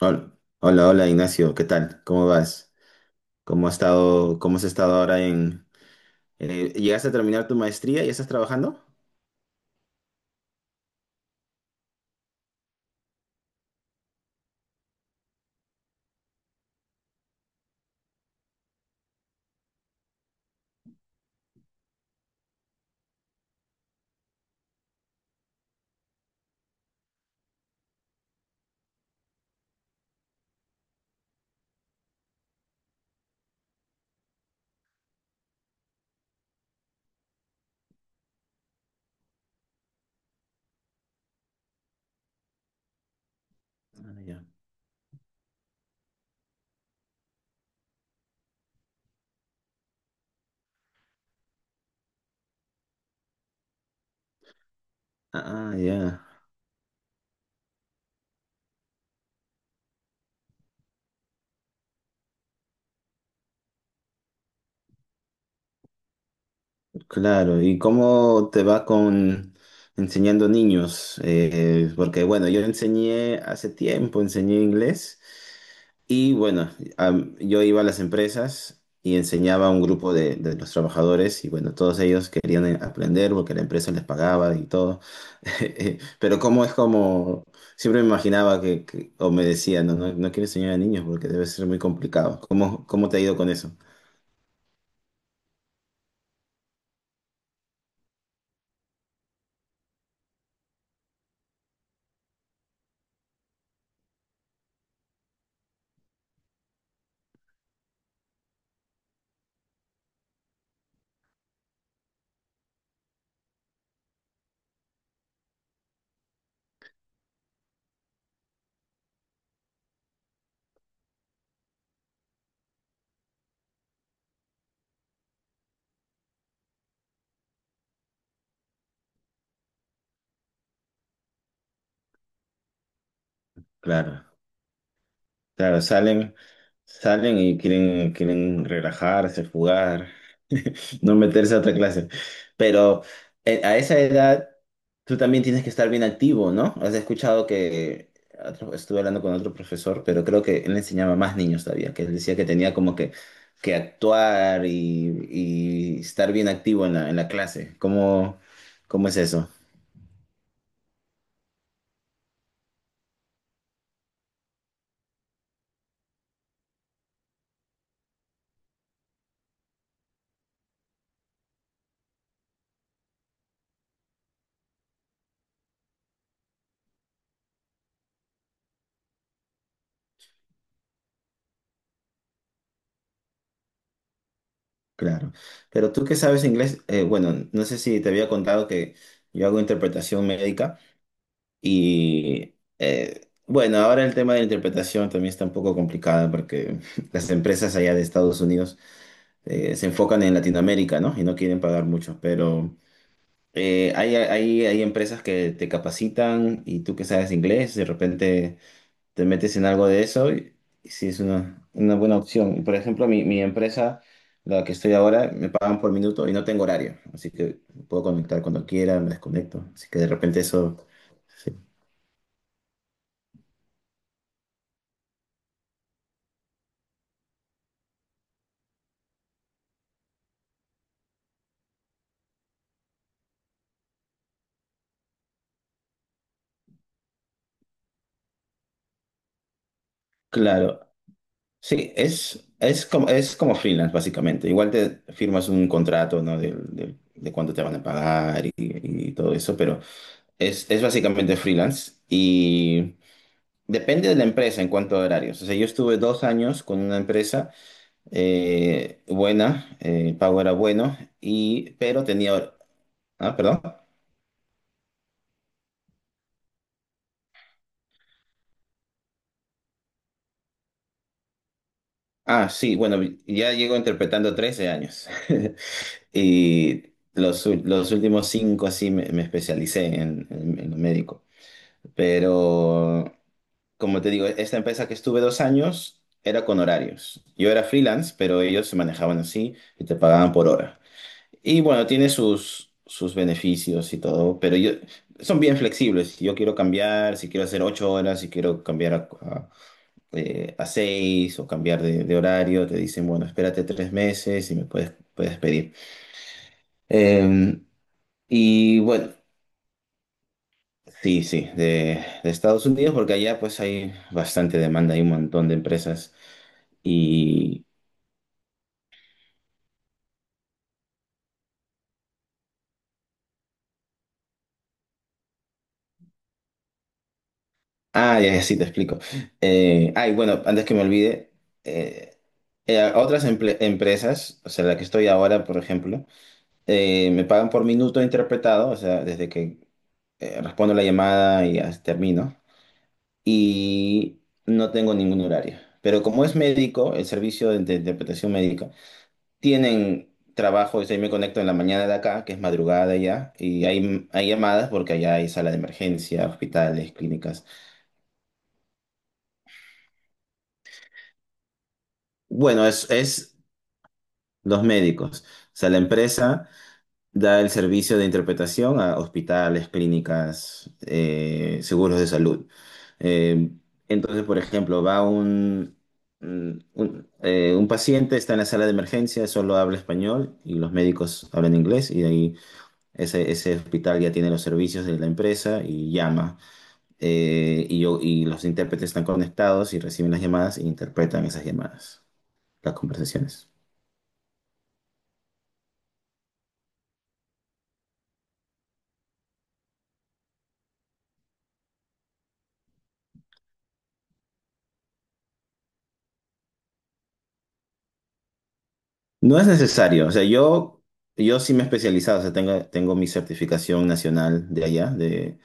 Hola, hola, hola, Ignacio, ¿qué tal? ¿Cómo vas? ¿Cómo has estado ahora ¿llegaste a terminar tu maestría? ¿Y estás trabajando? Ah, ya. Ah, ya. Claro. ¿Y cómo te va con enseñando niños? Porque bueno, yo enseñé hace tiempo, enseñé inglés. Y bueno, yo iba a las empresas y enseñaba a un grupo de los trabajadores y bueno, todos ellos querían aprender porque la empresa les pagaba y todo. Pero siempre me imaginaba o me decían, no, no, no quiero enseñar a niños porque debe ser muy complicado. ¿Cómo te ha ido con eso? Claro. Claro, salen y quieren relajarse, jugar, no meterse a otra clase. Pero a esa edad tú también tienes que estar bien activo, ¿no? Has escuchado que estuve hablando con otro profesor, pero creo que él enseñaba a más niños todavía, que él decía que tenía como que actuar, y estar bien activo en la clase. ¿Cómo es eso? Claro. Pero tú que sabes inglés, bueno, no sé si te había contado que yo hago interpretación médica y bueno, ahora el tema de la interpretación también está un poco complicado porque las empresas allá de Estados Unidos se enfocan en Latinoamérica, ¿no? Y no quieren pagar mucho, pero hay empresas que te capacitan y tú que sabes inglés, de repente te metes en algo de eso y sí es una buena opción. Por ejemplo, mi empresa, la que estoy ahora, me pagan por minuto y no tengo horario, así que puedo conectar cuando quiera, me desconecto. Así que de repente eso, sí. Claro, sí, es como freelance básicamente. Igual te firmas un contrato, ¿no? De cuánto te van a pagar y todo eso, pero es básicamente freelance y depende de la empresa en cuanto a horarios. O sea, yo estuve 2 años con una empresa buena, el pago era bueno, pero tenía... Ah, perdón. Ah, sí, bueno, ya llego interpretando 13 años. Y los últimos 5 sí me especialicé en lo médico. Pero, como te digo, esta empresa que estuve 2 años era con horarios. Yo era freelance, pero ellos se manejaban así y te pagaban por hora. Y bueno, tiene sus beneficios y todo, pero yo, son bien flexibles. Si yo quiero cambiar, si quiero hacer 8 horas, si quiero cambiar a seis o cambiar de horario, te dicen, bueno, espérate 3 meses y me puedes pedir. Eh, y bueno, sí, sí, de Estados Unidos, porque allá pues hay bastante demanda, hay un montón de empresas. Ah, ya, ya, sí, te explico. Ay, bueno, antes que me olvide, eh, otras empresas, o sea, la que estoy ahora, por ejemplo, me pagan por minuto interpretado, o sea, desde que respondo la llamada y termino, y no tengo ningún horario. Pero como es médico, el servicio de interpretación médica, tienen trabajo, o sea, yo me conecto en la mañana de acá, que es madrugada ya, y hay llamadas porque allá hay sala de emergencia, hospitales, clínicas. Bueno, es los médicos. O sea, la empresa da el servicio de interpretación a hospitales, clínicas, seguros de salud. Eh, entonces, por ejemplo, va un paciente, está en la sala de emergencia, solo habla español y los médicos hablan inglés y de ahí ese hospital ya tiene los servicios de la empresa y llama. Y los intérpretes están conectados y reciben las llamadas e interpretan esas llamadas, las conversaciones. No es necesario, o sea, yo sí me he especializado, o sea, tengo mi certificación nacional de allá, de,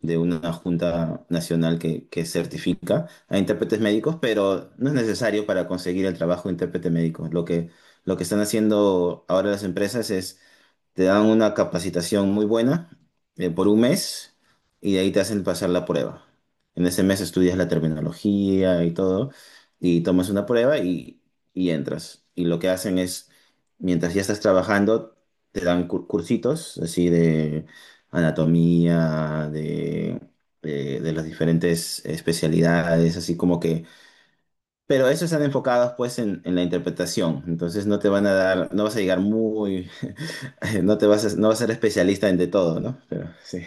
de una junta nacional que certifica a intérpretes médicos, pero no es necesario para conseguir el trabajo de intérprete médico. Lo que están haciendo ahora las empresas es te dan una capacitación muy buena por un mes y de ahí te hacen pasar la prueba. En ese mes estudias la terminología y todo y tomas una prueba y entras. Y lo que hacen es, mientras ya estás trabajando, te dan cursitos así de anatomía, de las diferentes especialidades, así como que pero esos están enfocados pues en la interpretación, entonces no te van a dar, no vas a llegar muy, no vas a ser especialista en de todo, ¿no? Pero sí,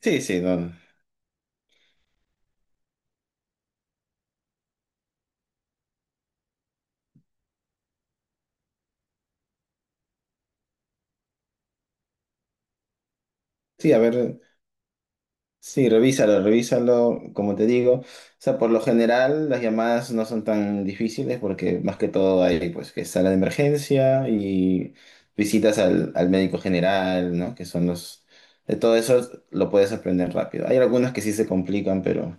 sí, sí, no. Sí, a ver, sí, revísalo, revísalo, como te digo, o sea, por lo general las llamadas no son tan difíciles porque más que todo hay pues que sala de emergencia y visitas al médico general, ¿no? Que son los, de todo eso lo puedes aprender rápido. Hay algunas que sí se complican, pero...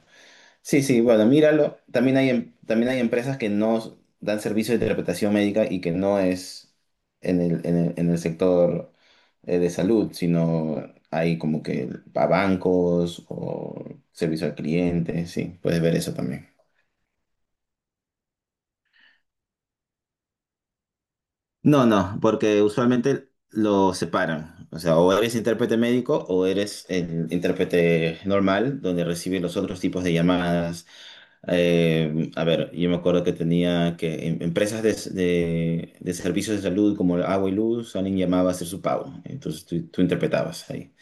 Sí, sí, bueno, míralo. También también hay empresas que no dan servicio de interpretación médica y que no es en el sector de salud, sino hay como que para bancos o servicio al cliente, sí, puedes ver eso también. No, no, porque usualmente lo separan. O sea, o eres intérprete médico o eres el intérprete normal, donde recibe los otros tipos de llamadas. A ver, yo me acuerdo que tenía empresas de servicios de salud como Agua y Luz, alguien llamaba a hacer su pago. Entonces tú interpretabas ahí.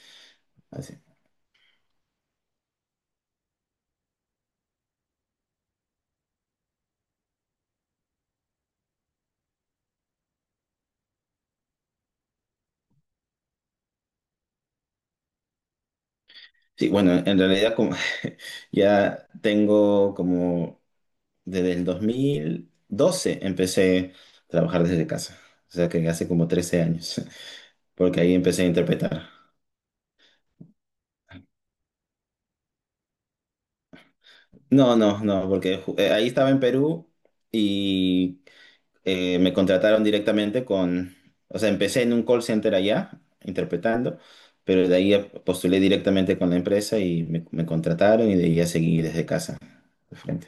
Así. Sí, bueno, en realidad como ya tengo como desde el 2012 empecé a trabajar desde casa. O sea que hace como 13 años, porque ahí empecé a interpretar. No, no, no, porque ahí estaba en Perú y me contrataron directamente o sea, empecé en un call center allá interpretando, pero de ahí postulé directamente con la empresa y me contrataron y de ahí ya seguí desde casa, de frente.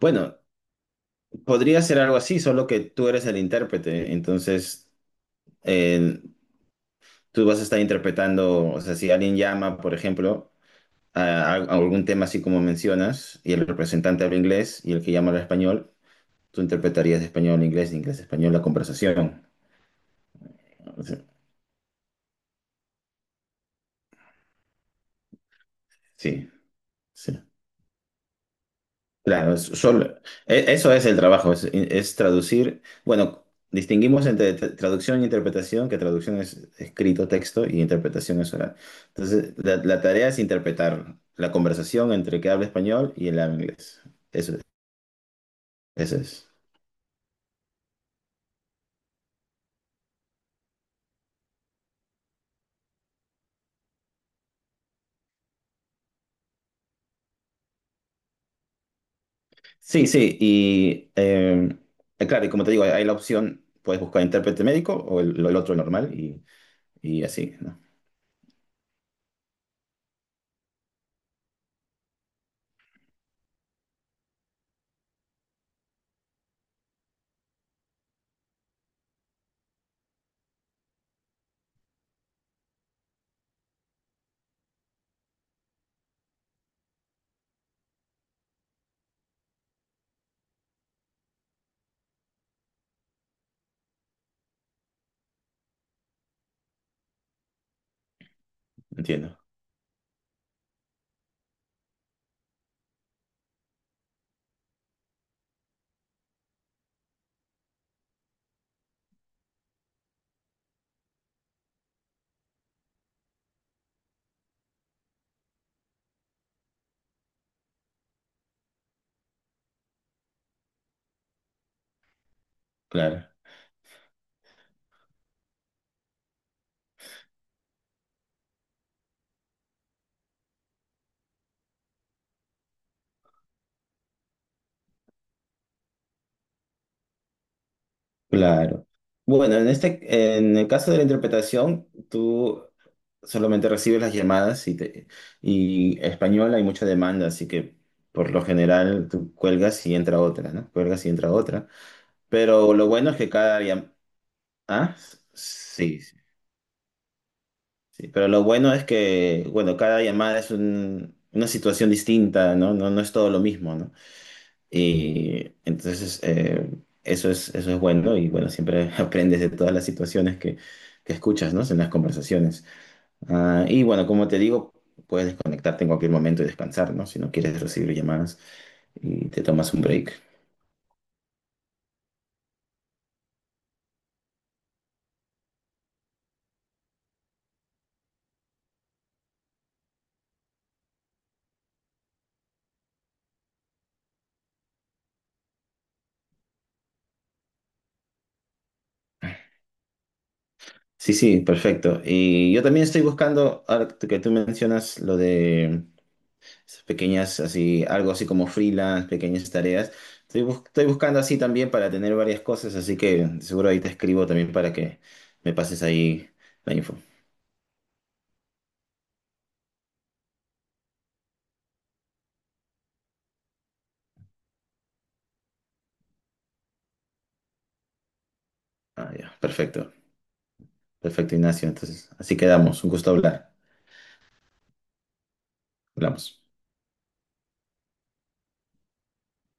Bueno, podría ser algo así, solo que tú eres el intérprete, entonces eh, tú vas a estar interpretando, o sea, si alguien llama, por ejemplo, a algún tema así como mencionas, y el representante habla inglés y el que llama habla español, tú interpretarías de español a inglés, de inglés a español la conversación. O sea, sí, sí. Claro, eso es el trabajo, es traducir. Bueno, distinguimos entre traducción e interpretación, que traducción es escrito, texto, y interpretación es oral. Entonces, la tarea es interpretar la conversación entre el que habla español y el que habla inglés. Eso, eso es. Sí, sí, y claro, y como te digo, hay la opción, puedes buscar intérprete médico o el otro normal, y así, ¿no? Entiendo. Claro, claro. Bueno, en el caso de la interpretación, tú solamente recibes las llamadas y español hay mucha demanda, así que por lo general tú cuelgas y entra otra, ¿no? Cuelgas y entra otra. Pero lo bueno es que cada... Ah, sí. Sí. Sí, pero lo bueno es que, bueno, cada llamada es una situación distinta, ¿no? No, no es todo lo mismo, ¿no? Y entonces eso es bueno y bueno, siempre aprendes de todas las situaciones que escuchas, ¿no? En las conversaciones. Ah, y bueno, como te digo, puedes desconectarte en cualquier momento y descansar, ¿no? Si no quieres recibir llamadas y te tomas un break. Sí, sí, perfecto. Y yo también estoy buscando, ahora que tú mencionas lo de... pequeñas así, algo así como freelance, pequeñas tareas. Estoy buscando así también para tener varias cosas, así que seguro ahí te escribo también para que me pases ahí la info. Ah, ya, perfecto, perfecto, Ignacio. Entonces, así quedamos. Un gusto hablar. Hablamos.